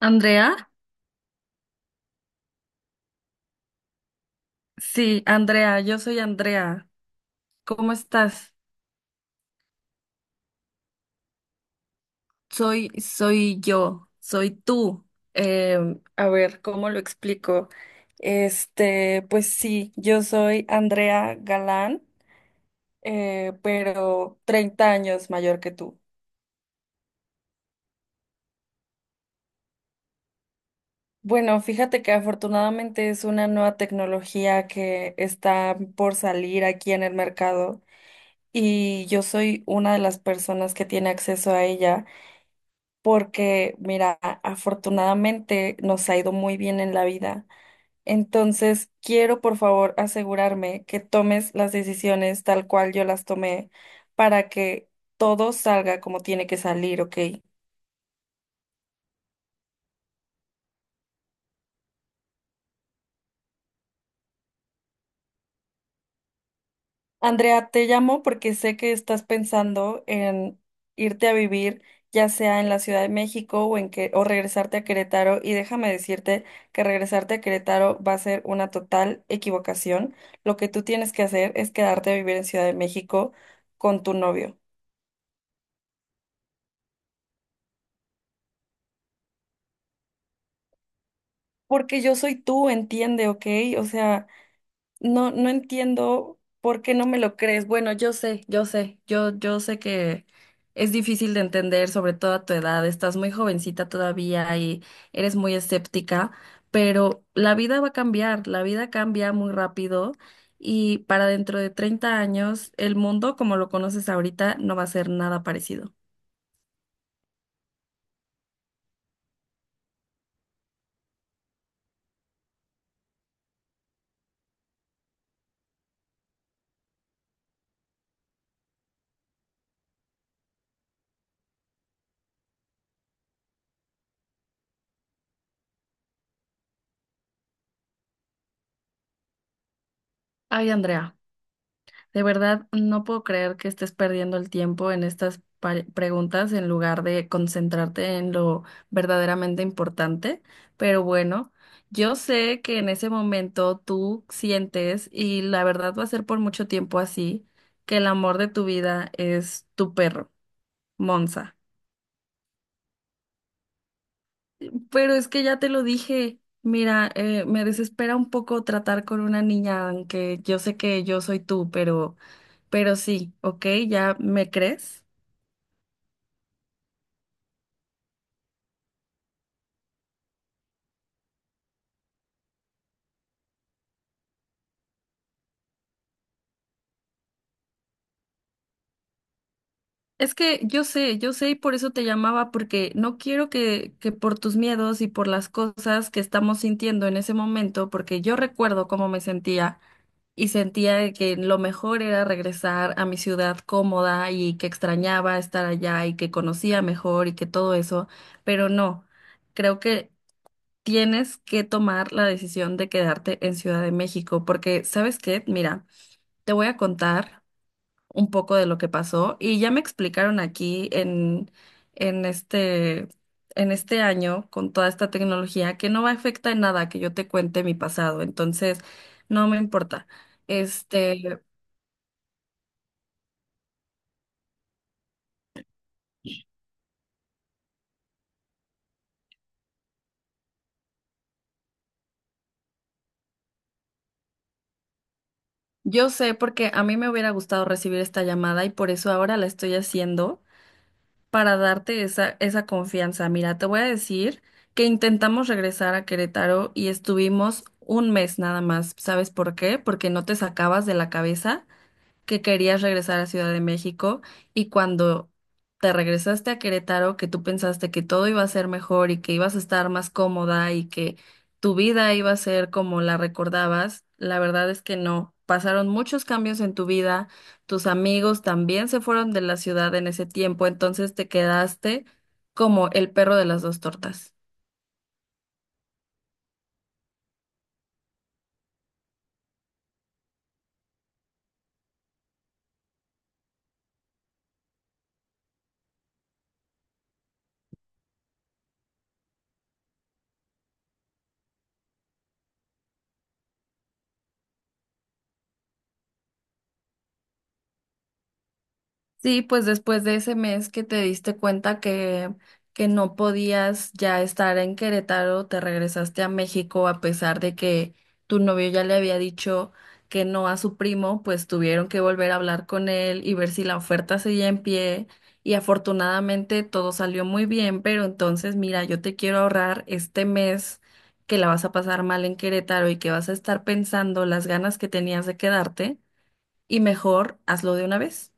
Andrea, sí, Andrea, yo soy Andrea. ¿Cómo estás? Soy, soy yo, soy tú. A ver, ¿cómo lo explico? Este, pues sí, yo soy Andrea Galán, pero 30 años mayor que tú. Bueno, fíjate que afortunadamente es una nueva tecnología que está por salir aquí en el mercado y yo soy una de las personas que tiene acceso a ella. Porque, mira, afortunadamente nos ha ido muy bien en la vida. Entonces, quiero por favor asegurarme que tomes las decisiones tal cual yo las tomé para que todo salga como tiene que salir, ¿ok? Andrea, te llamo porque sé que estás pensando en irte a vivir, ya sea en la Ciudad de México o en que o regresarte a Querétaro, y déjame decirte que regresarte a Querétaro va a ser una total equivocación. Lo que tú tienes que hacer es quedarte a vivir en Ciudad de México con tu novio, porque yo soy tú, entiende, ¿ok? O sea, no, no entiendo por qué no me lo crees. Bueno, yo sé, yo sé, yo sé que es difícil de entender, sobre todo a tu edad. Estás muy jovencita todavía y eres muy escéptica, pero la vida va a cambiar, la vida cambia muy rápido y para dentro de 30 años el mundo como lo conoces ahorita no va a ser nada parecido. Ay, Andrea. De verdad, no puedo creer que estés perdiendo el tiempo en estas preguntas en lugar de concentrarte en lo verdaderamente importante. Pero bueno, yo sé que en ese momento tú sientes, y la verdad va a ser por mucho tiempo así, que el amor de tu vida es tu perro, Monza. Pero es que ya te lo dije. Mira, me desespera un poco tratar con una niña, aunque yo sé que yo soy tú, pero sí, ¿ok? ¿Ya me crees? Es que yo sé y por eso te llamaba, porque no quiero que por tus miedos y por las cosas que estamos sintiendo en ese momento, porque yo recuerdo cómo me sentía y sentía de que lo mejor era regresar a mi ciudad cómoda y que extrañaba estar allá y que conocía mejor y que todo eso, pero no, creo que tienes que tomar la decisión de quedarte en Ciudad de México, porque ¿sabes qué? Mira, te voy a contar un poco de lo que pasó y ya me explicaron aquí en este, en este año con toda esta tecnología que no va a afectar en nada que yo te cuente mi pasado, entonces no me importa. Este, yo sé porque a mí me hubiera gustado recibir esta llamada y por eso ahora la estoy haciendo para darte esa confianza. Mira, te voy a decir que intentamos regresar a Querétaro y estuvimos un mes nada más. ¿Sabes por qué? Porque no te sacabas de la cabeza que querías regresar a Ciudad de México y cuando te regresaste a Querétaro, que tú pensaste que todo iba a ser mejor y que ibas a estar más cómoda y que tu vida iba a ser como la recordabas, la verdad es que no. Pasaron muchos cambios en tu vida, tus amigos también se fueron de la ciudad en ese tiempo, entonces te quedaste como el perro de las dos tortas. Sí, pues después de ese mes que te diste cuenta que no podías ya estar en Querétaro, te regresaste a México a pesar de que tu novio ya le había dicho que no a su primo, pues tuvieron que volver a hablar con él y ver si la oferta seguía en pie. Y afortunadamente todo salió muy bien, pero entonces mira, yo te quiero ahorrar este mes que la vas a pasar mal en Querétaro y que vas a estar pensando las ganas que tenías de quedarte y mejor hazlo de una vez.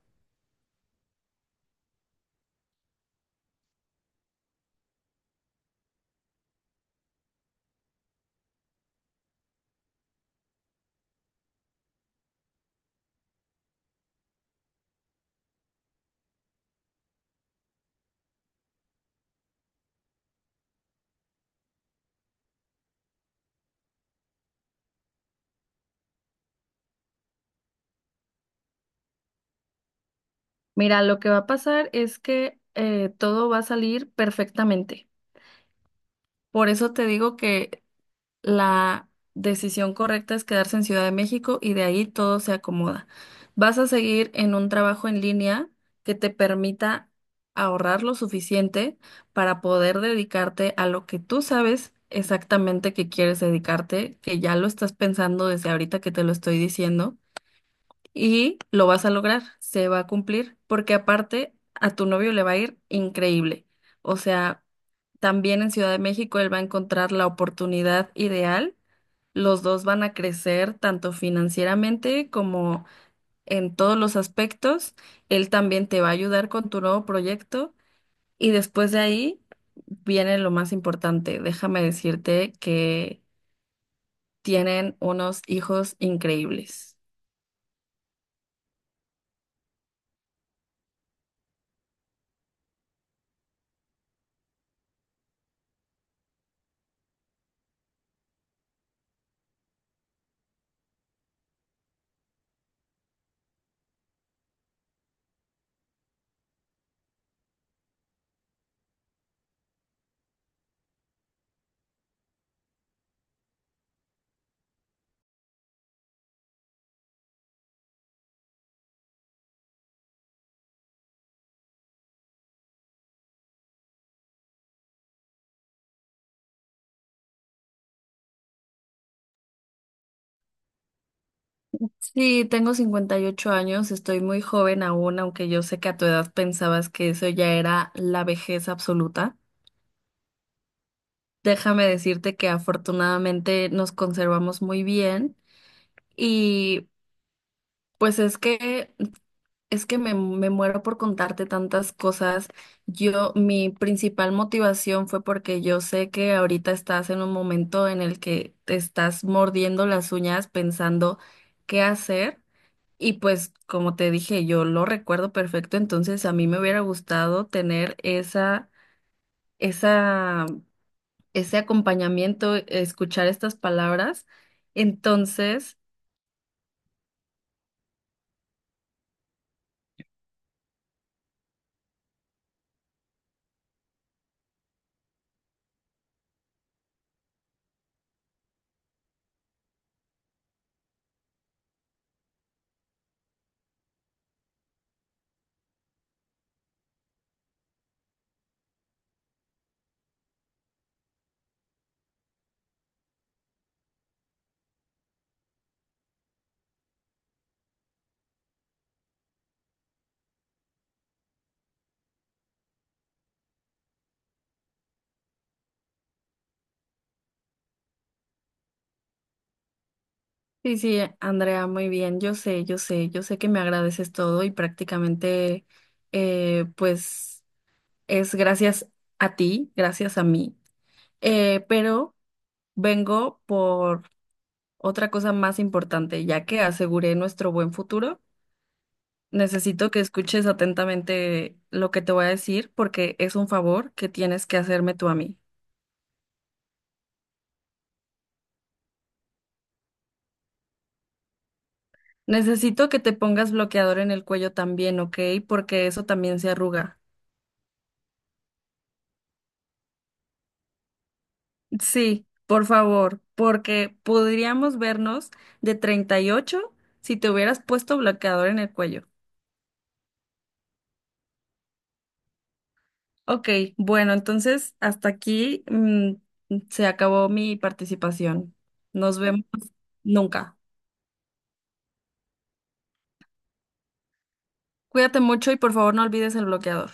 Mira, lo que va a pasar es que todo va a salir perfectamente. Por eso te digo que la decisión correcta es quedarse en Ciudad de México y de ahí todo se acomoda. Vas a seguir en un trabajo en línea que te permita ahorrar lo suficiente para poder dedicarte a lo que tú sabes exactamente que quieres dedicarte, que ya lo estás pensando desde ahorita que te lo estoy diciendo. Y lo vas a lograr, se va a cumplir, porque aparte a tu novio le va a ir increíble. O sea, también en Ciudad de México él va a encontrar la oportunidad ideal. Los dos van a crecer tanto financieramente como en todos los aspectos. Él también te va a ayudar con tu nuevo proyecto. Y después de ahí viene lo más importante. Déjame decirte que tienen unos hijos increíbles. Sí, tengo 58 años, estoy muy joven aún, aunque yo sé que a tu edad pensabas que eso ya era la vejez absoluta. Déjame decirte que afortunadamente nos conservamos muy bien y pues es que me muero por contarte tantas cosas. Yo, mi principal motivación fue porque yo sé que ahorita estás en un momento en el que te estás mordiendo las uñas pensando qué hacer. Y pues, como te dije, yo lo recuerdo perfecto, entonces a mí me hubiera gustado tener esa, ese acompañamiento, escuchar estas palabras. Entonces, sí, sí, Andrea, muy bien, yo sé, yo sé, yo sé que me agradeces todo y prácticamente, pues, es gracias a ti, gracias a mí. Pero vengo por otra cosa más importante, ya que aseguré nuestro buen futuro. Necesito que escuches atentamente lo que te voy a decir porque es un favor que tienes que hacerme tú a mí. Necesito que te pongas bloqueador en el cuello también, ¿ok? Porque eso también se arruga. Sí, por favor, porque podríamos vernos de 38 si te hubieras puesto bloqueador en el cuello. Ok, bueno, entonces hasta aquí se acabó mi participación. Nos vemos nunca. Cuídate mucho y por favor no olvides el bloqueador.